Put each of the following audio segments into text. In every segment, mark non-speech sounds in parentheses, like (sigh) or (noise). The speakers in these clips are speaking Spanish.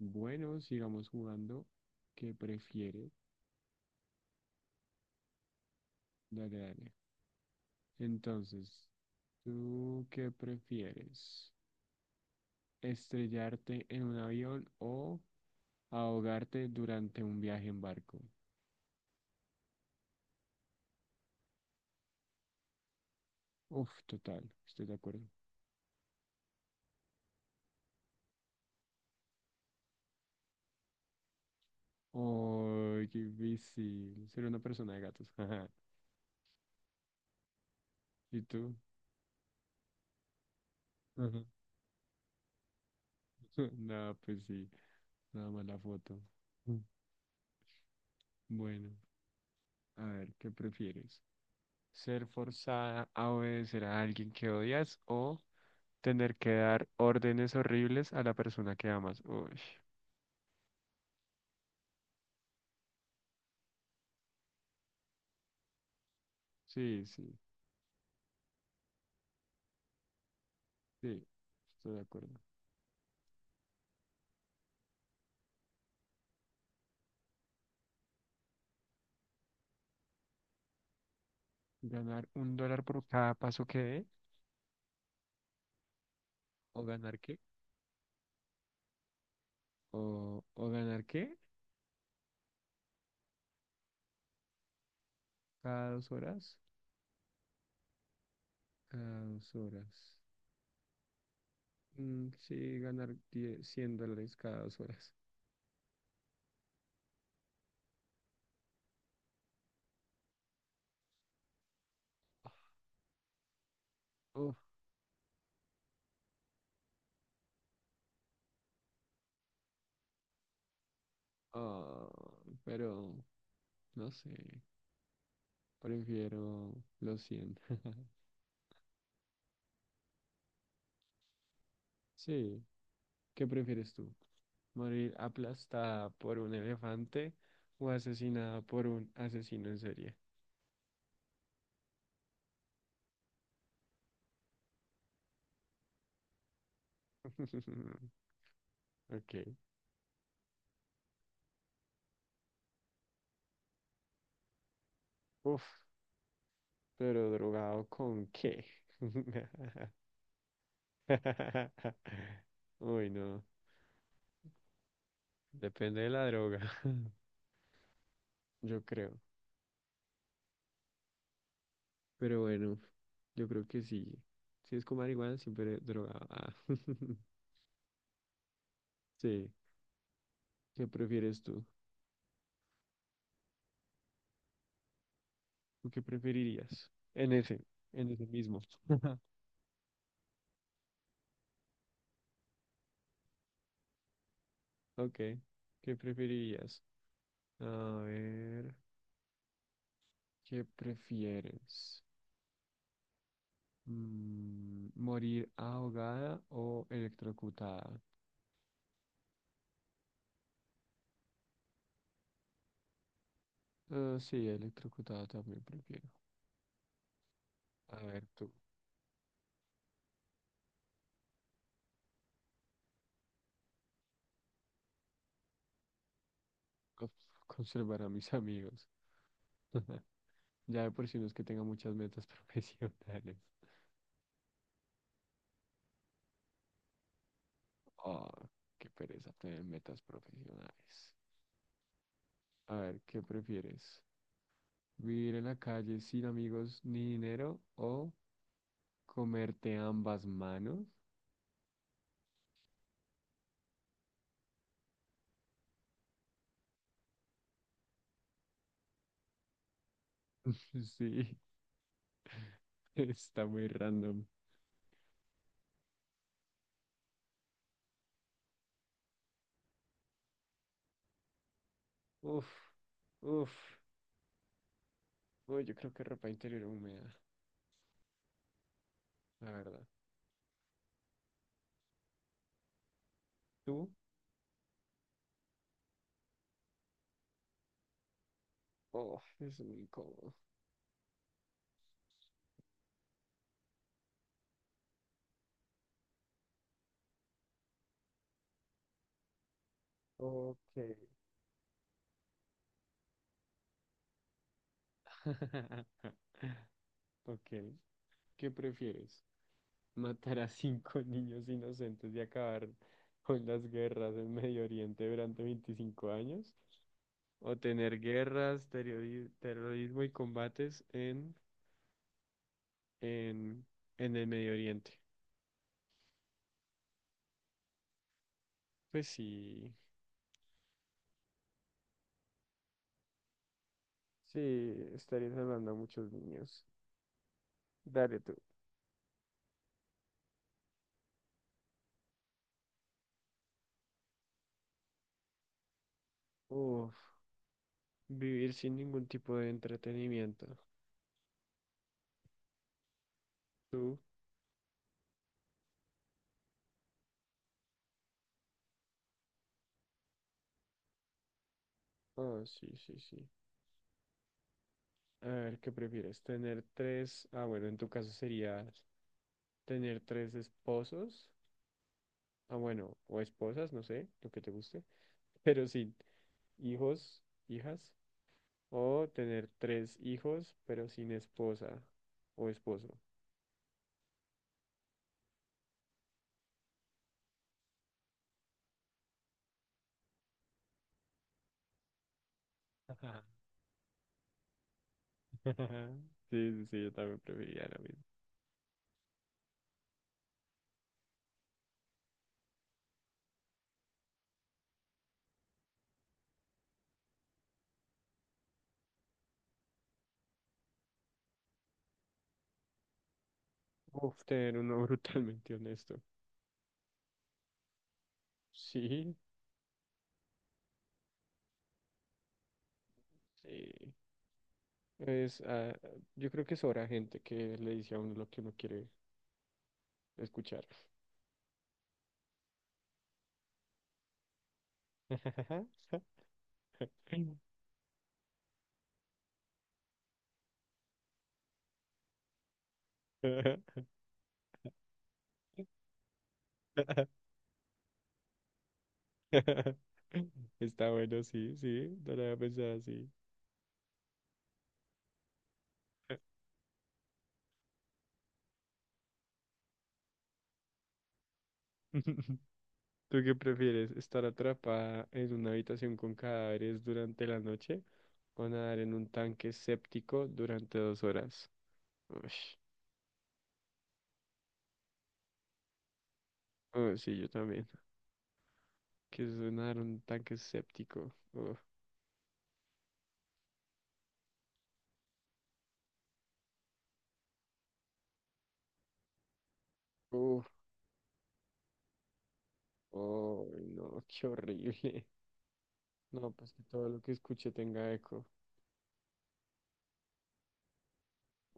Bueno, sigamos jugando. ¿Qué prefiere? Dale, dale. Entonces, ¿tú qué prefieres? ¿Estrellarte en un avión o ahogarte durante un viaje en barco? Uf, total, estoy de acuerdo. Oh, qué difícil. Ser una persona de gatos. (laughs) ¿Y tú? Ajá. (laughs) No, pues sí, nada más la foto. Mm. Bueno, a ver, ¿qué prefieres? ¿Ser forzada a obedecer a alguien que odias o tener que dar órdenes horribles a la persona que amas? Uy, sí, sí, sí, estoy de acuerdo. Ganar un dólar por cada paso que dé. ¿O ganar qué? ¿O ganar qué? Cada dos horas. Cada dos horas. Mm, sí, ganar 10, $100 cada dos horas. Uf, ah, pero no sé. Prefiero los 100. (laughs) Sí, ¿qué prefieres tú? Morir aplastada por un elefante o asesinada por un asesino en serie. (laughs) Ok. Uf, pero ¿drogado con qué? (laughs) Uy, no. Depende de la droga, (laughs) yo creo. Pero bueno, yo creo que sí. Si es con marihuana, siempre drogado. Ah. (laughs) Sí. ¿Qué prefieres tú? ¿Tú qué preferirías? En ese mismo. (laughs) Ok. ¿Qué preferirías? A ver, ¿qué prefieres? Mm, ¿morir ahogada o electrocutada? Ah, sí, electrocutada también prefiero. A ver, tú, cons- (laughs) conservar a mis amigos. (laughs) Ya de por sí no es que tenga muchas metas (laughs) profesionales. Oh, qué pereza tener metas profesionales. A ver, ¿qué prefieres? ¿Vivir en la calle sin amigos ni dinero o comerte ambas manos? (laughs) Sí, (laughs) está muy random. Uf, uf. Uy, yo creo que ropa interior húmeda, la verdad. ¿Tú? Oh, es muy incómodo. Ok. (laughs) Ok. ¿Qué prefieres? ¿Matar a cinco (laughs) niños inocentes y acabar con las guerras en Medio Oriente durante 25 años? ¿O tener guerras, terrorismo y combates en, en el Medio Oriente? Pues sí, sí, estaría salvando a muchos niños. Dale tú. Uf, vivir sin ningún tipo de entretenimiento. ¿Tú? Ah, sí, sí, sí. A ver, ¿qué prefieres? ¿Tener tres? Ah, bueno, en tu caso sería tener tres esposos. Ah, bueno, o esposas, no sé, lo que te guste. (laughs) Pero sin hijos, hijas. O tener tres hijos, pero sin esposa o esposo. Ajá. (laughs) Sí, sí, sí, yo también preferiría lo mismo. Uf, tener uno (laughs) brutalmente honesto. Sí, sí. Es, ah, yo creo que es hora gente que le dice a uno lo que uno quiere escuchar. (laughs) Está bueno, sí, sí, no lo había pensado así. (laughs) ¿Tú qué prefieres? ¿Estar atrapada en una habitación con cadáveres durante la noche o nadar en un tanque séptico durante dos horas? Ush. Oh, sí, yo también. ¿Qué es nadar en un tanque séptico? Uf, uf, oh, no, qué horrible. No, pues que todo lo que escuche tenga eco.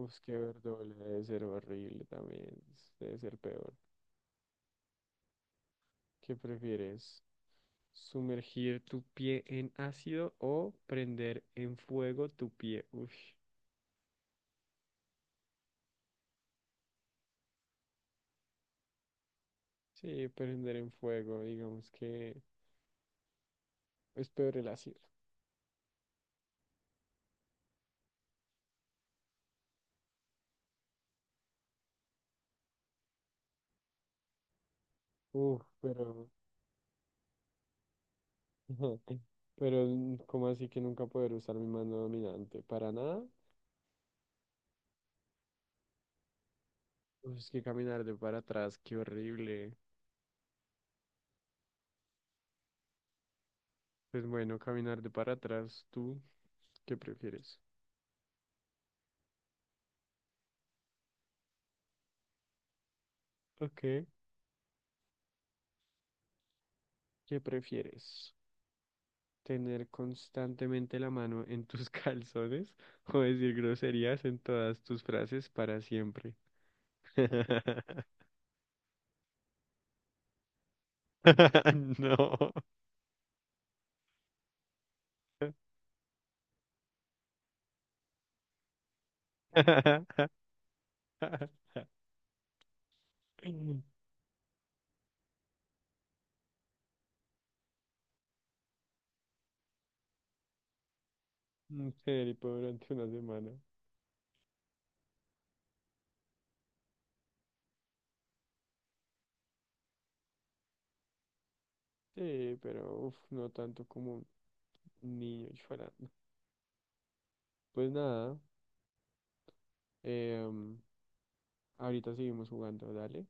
Uf, qué doble debe ser horrible también. Debe ser peor. ¿Qué prefieres? ¿Sumergir tu pie en ácido o prender en fuego tu pie? Uf, sí, prender en fuego, digamos que es peor el ácido. Uf, pero. (laughs) Pero, ¿cómo así que nunca poder usar mi mano dominante? ¿Para nada? Uf, es que caminar de para atrás, qué horrible. Pues bueno, caminar de para atrás, ¿tú qué prefieres? Ok, ¿qué prefieres? ¿Tener constantemente la mano en tus (laughs) calzones o decir groserías en todas tus frases para siempre? (laughs) No. (laughs) Ser y durante una semana. Sí, pero uf, no tanto como un niño llorando. Pues nada, em, ahorita seguimos jugando, dale,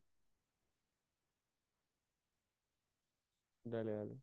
dale, dale.